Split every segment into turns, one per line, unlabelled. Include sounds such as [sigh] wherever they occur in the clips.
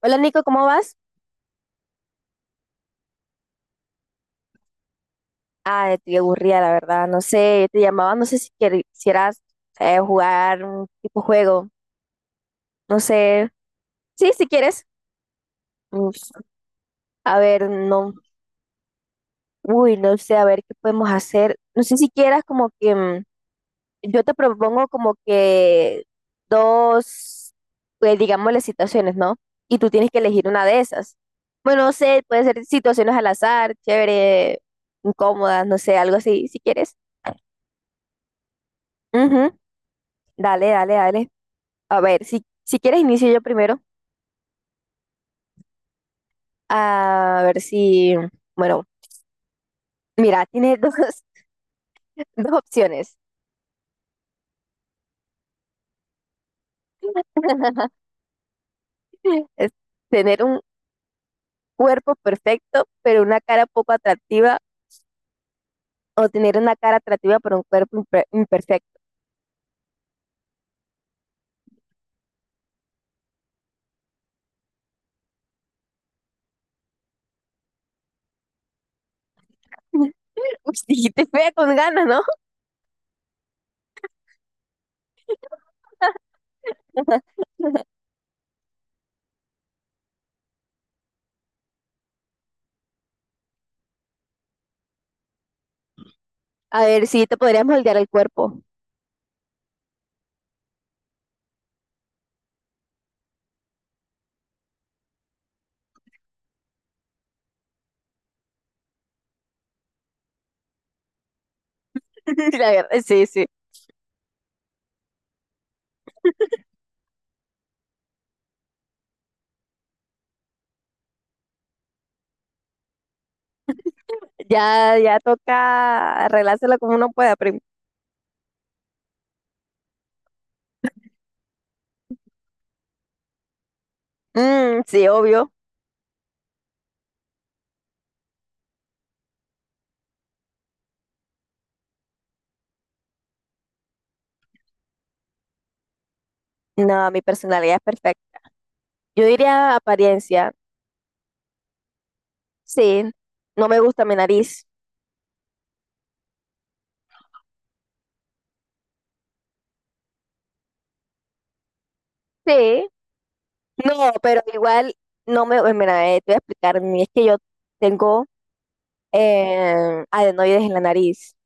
Hola Nico, ¿cómo vas? Ah, estoy aburrida, la verdad. No sé, te llamaba, no sé si quisieras jugar un tipo juego. No sé. Sí, si quieres. Mm, A ver, no. Uy, no sé, a ver qué podemos hacer. No sé si quieras como que yo te propongo como que dos, pues digamos las situaciones, ¿no? Y tú tienes que elegir una de esas. Bueno, no sé, puede ser situaciones al azar, chévere, incómodas, no sé, algo así, si quieres. Ujú. Dale, dale, dale. A ver, si quieres inicio yo primero. A ver si, bueno, mira, tiene dos, [laughs] dos opciones. [laughs] Es tener un cuerpo perfecto, pero una cara poco atractiva, o tener una cara atractiva, pero un cuerpo imperfecto. [laughs] Uy, dijiste fea con ganas, ¿no? A ver, si te podrías moldear el cuerpo. [laughs] La verdad, sí, sí. Ya, ya toca arreglárselo como uno pueda, pero mm, sí, obvio. No, mi personalidad es perfecta. Yo diría apariencia. Sí, no me gusta mi nariz. Sí, no, pero igual no me. Mira, te voy a explicar. Es que yo tengo adenoides en la nariz.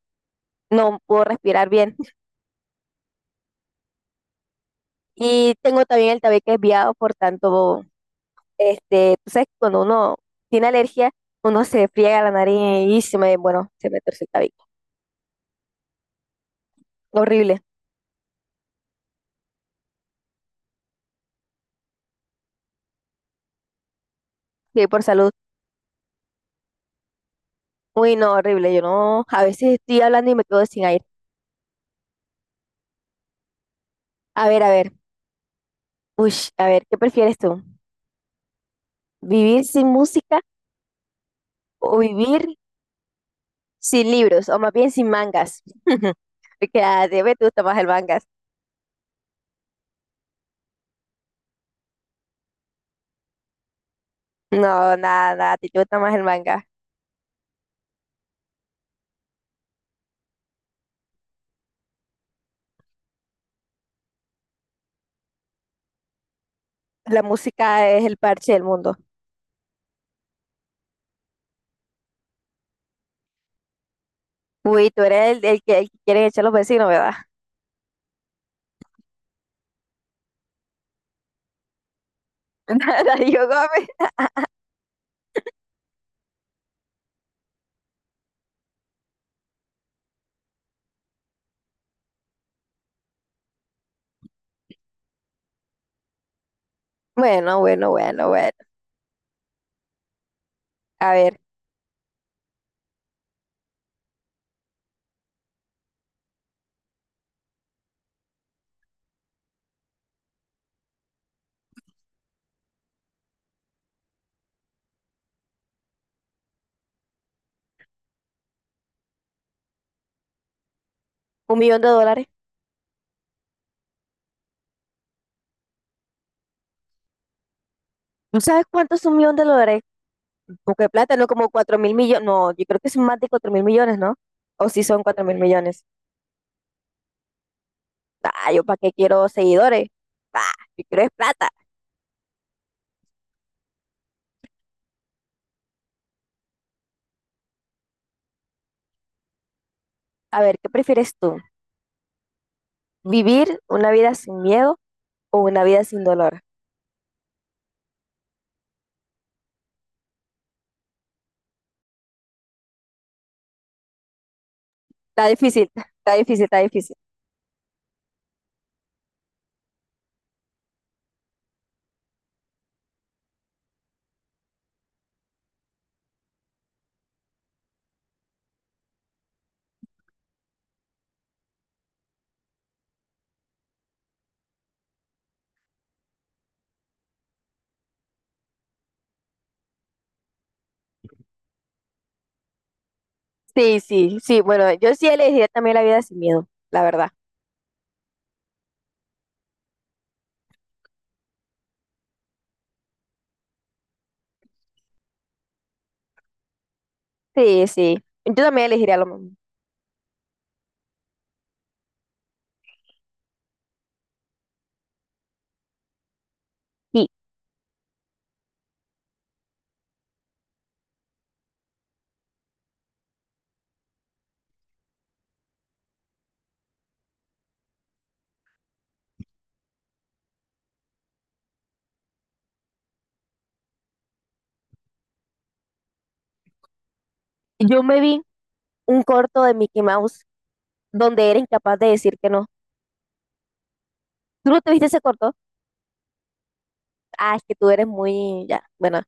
No puedo respirar bien. [laughs] Y tengo también el tabique desviado, por tanto, este, tú sabes, que cuando uno tiene alergia, uno se friega la nariz y se me, bueno, se me torce el tabique. Horrible. Sí, por salud. Uy, no, horrible. Yo no. A veces estoy hablando y me quedo sin aire. A ver, a ver. Uy, a ver, ¿qué prefieres tú? ¿Vivir sin música? ¿O vivir sin libros, o más bien sin mangas? [laughs] Porque a ti te gusta más el manga. No, nada, nada, a ti te gusta más el manga. La música es el parche del mundo. Uy, tú eres el que quieren echar los vecinos, ¿verdad? [laughs] Darío Gómez. Bueno, bueno, bueno, bueno. A ver, un millón de dólares. ¿No sabes cuánto es un millón de dólares? Porque de plata, no como cuatro mil millones. No, yo creo que son más de cuatro mil millones, ¿no? O si son cuatro mil millones. Ah, yo para qué quiero seguidores. Ah, yo quiero es plata. A ver, ¿qué prefieres tú? ¿Vivir una vida sin miedo o una vida sin dolor? Está difícil, [laughs] está difícil, está difícil. Sí, sí, sí. Bueno, yo sí elegiría también la vida sin miedo, la verdad. Sí, sí. Yo también elegiría lo mismo. Y yo me vi un corto de Mickey Mouse donde era incapaz de decir que no. ¿Tú no te viste ese corto? Ah, es que tú eres muy, ya, bueno,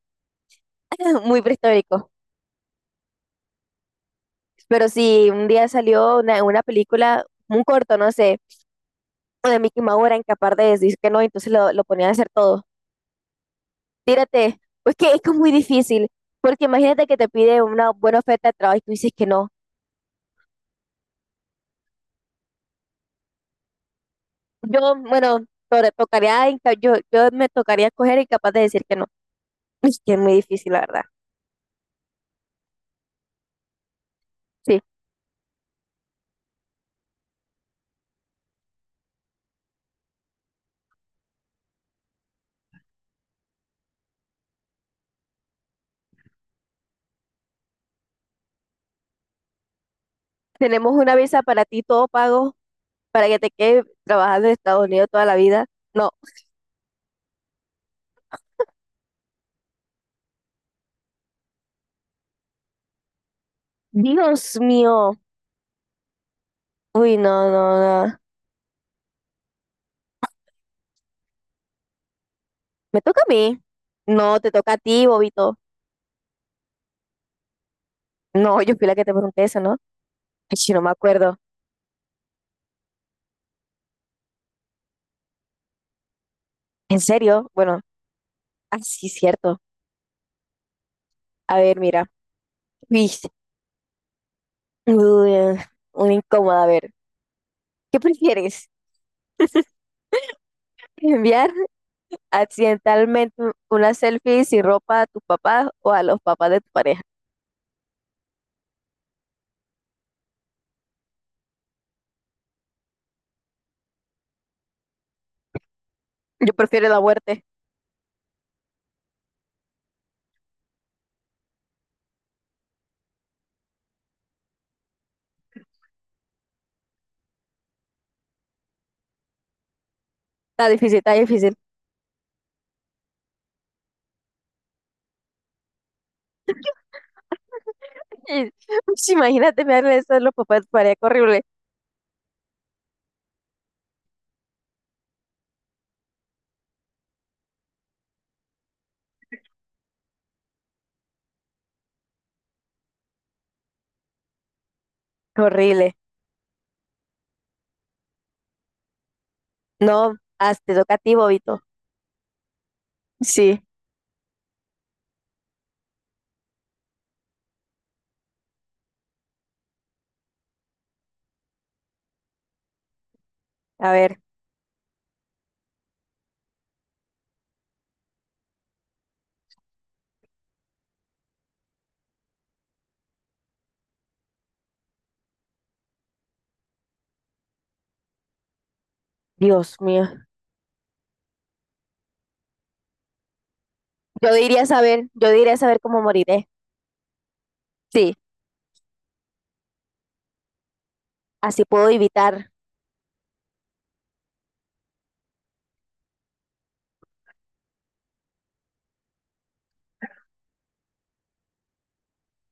[laughs] muy prehistórico. Pero sí, un día salió una película, un corto, no sé, donde Mickey Mouse era incapaz de decir que no, entonces lo ponían a hacer todo. Tírate. Pues que es muy difícil, porque imagínate que te pide una buena oferta de trabajo y tú dices que no. Yo, bueno, tocaría, yo me tocaría escoger y capaz de decir que no. [laughs] Es que es muy difícil, la verdad. Sí. Tenemos una visa para ti, todo pago, para que te quedes trabajando en Estados Unidos toda la vida. No. Dios mío. Uy, no, no, no. Me toca a mí. No, te toca a ti, bobito. No, yo fui la que te pregunté eso, ¿no? Ay, sí, no me acuerdo. ¿En serio? Bueno, así es cierto. A ver, mira. Uy, uy, una incómoda. A ver, ¿qué prefieres? [laughs] ¿Enviar accidentalmente una selfie sin ropa a tus papás o a los papás de tu pareja? Yo prefiero la muerte. Está difícil, está difícil. [laughs] Ush, imagínate enviarle eso a los papás de tu pareja. Qué horrible, qué horrible. No, hazte toca a ti, bobito. Sí, a ver, Dios mío. Yo diría saber cómo moriré. Sí, así puedo evitar.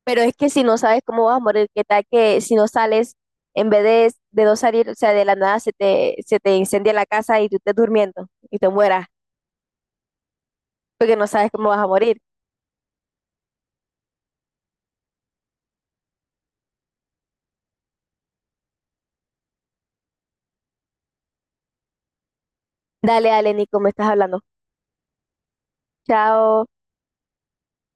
Pero es que si no sabes cómo vas a morir, qué tal que si no sales, en vez de no salir, o sea, de la nada se te incendia la casa y tú estés durmiendo y te mueras, porque no sabes cómo vas a morir. Dale, dale, Nico, me estás hablando. Chao.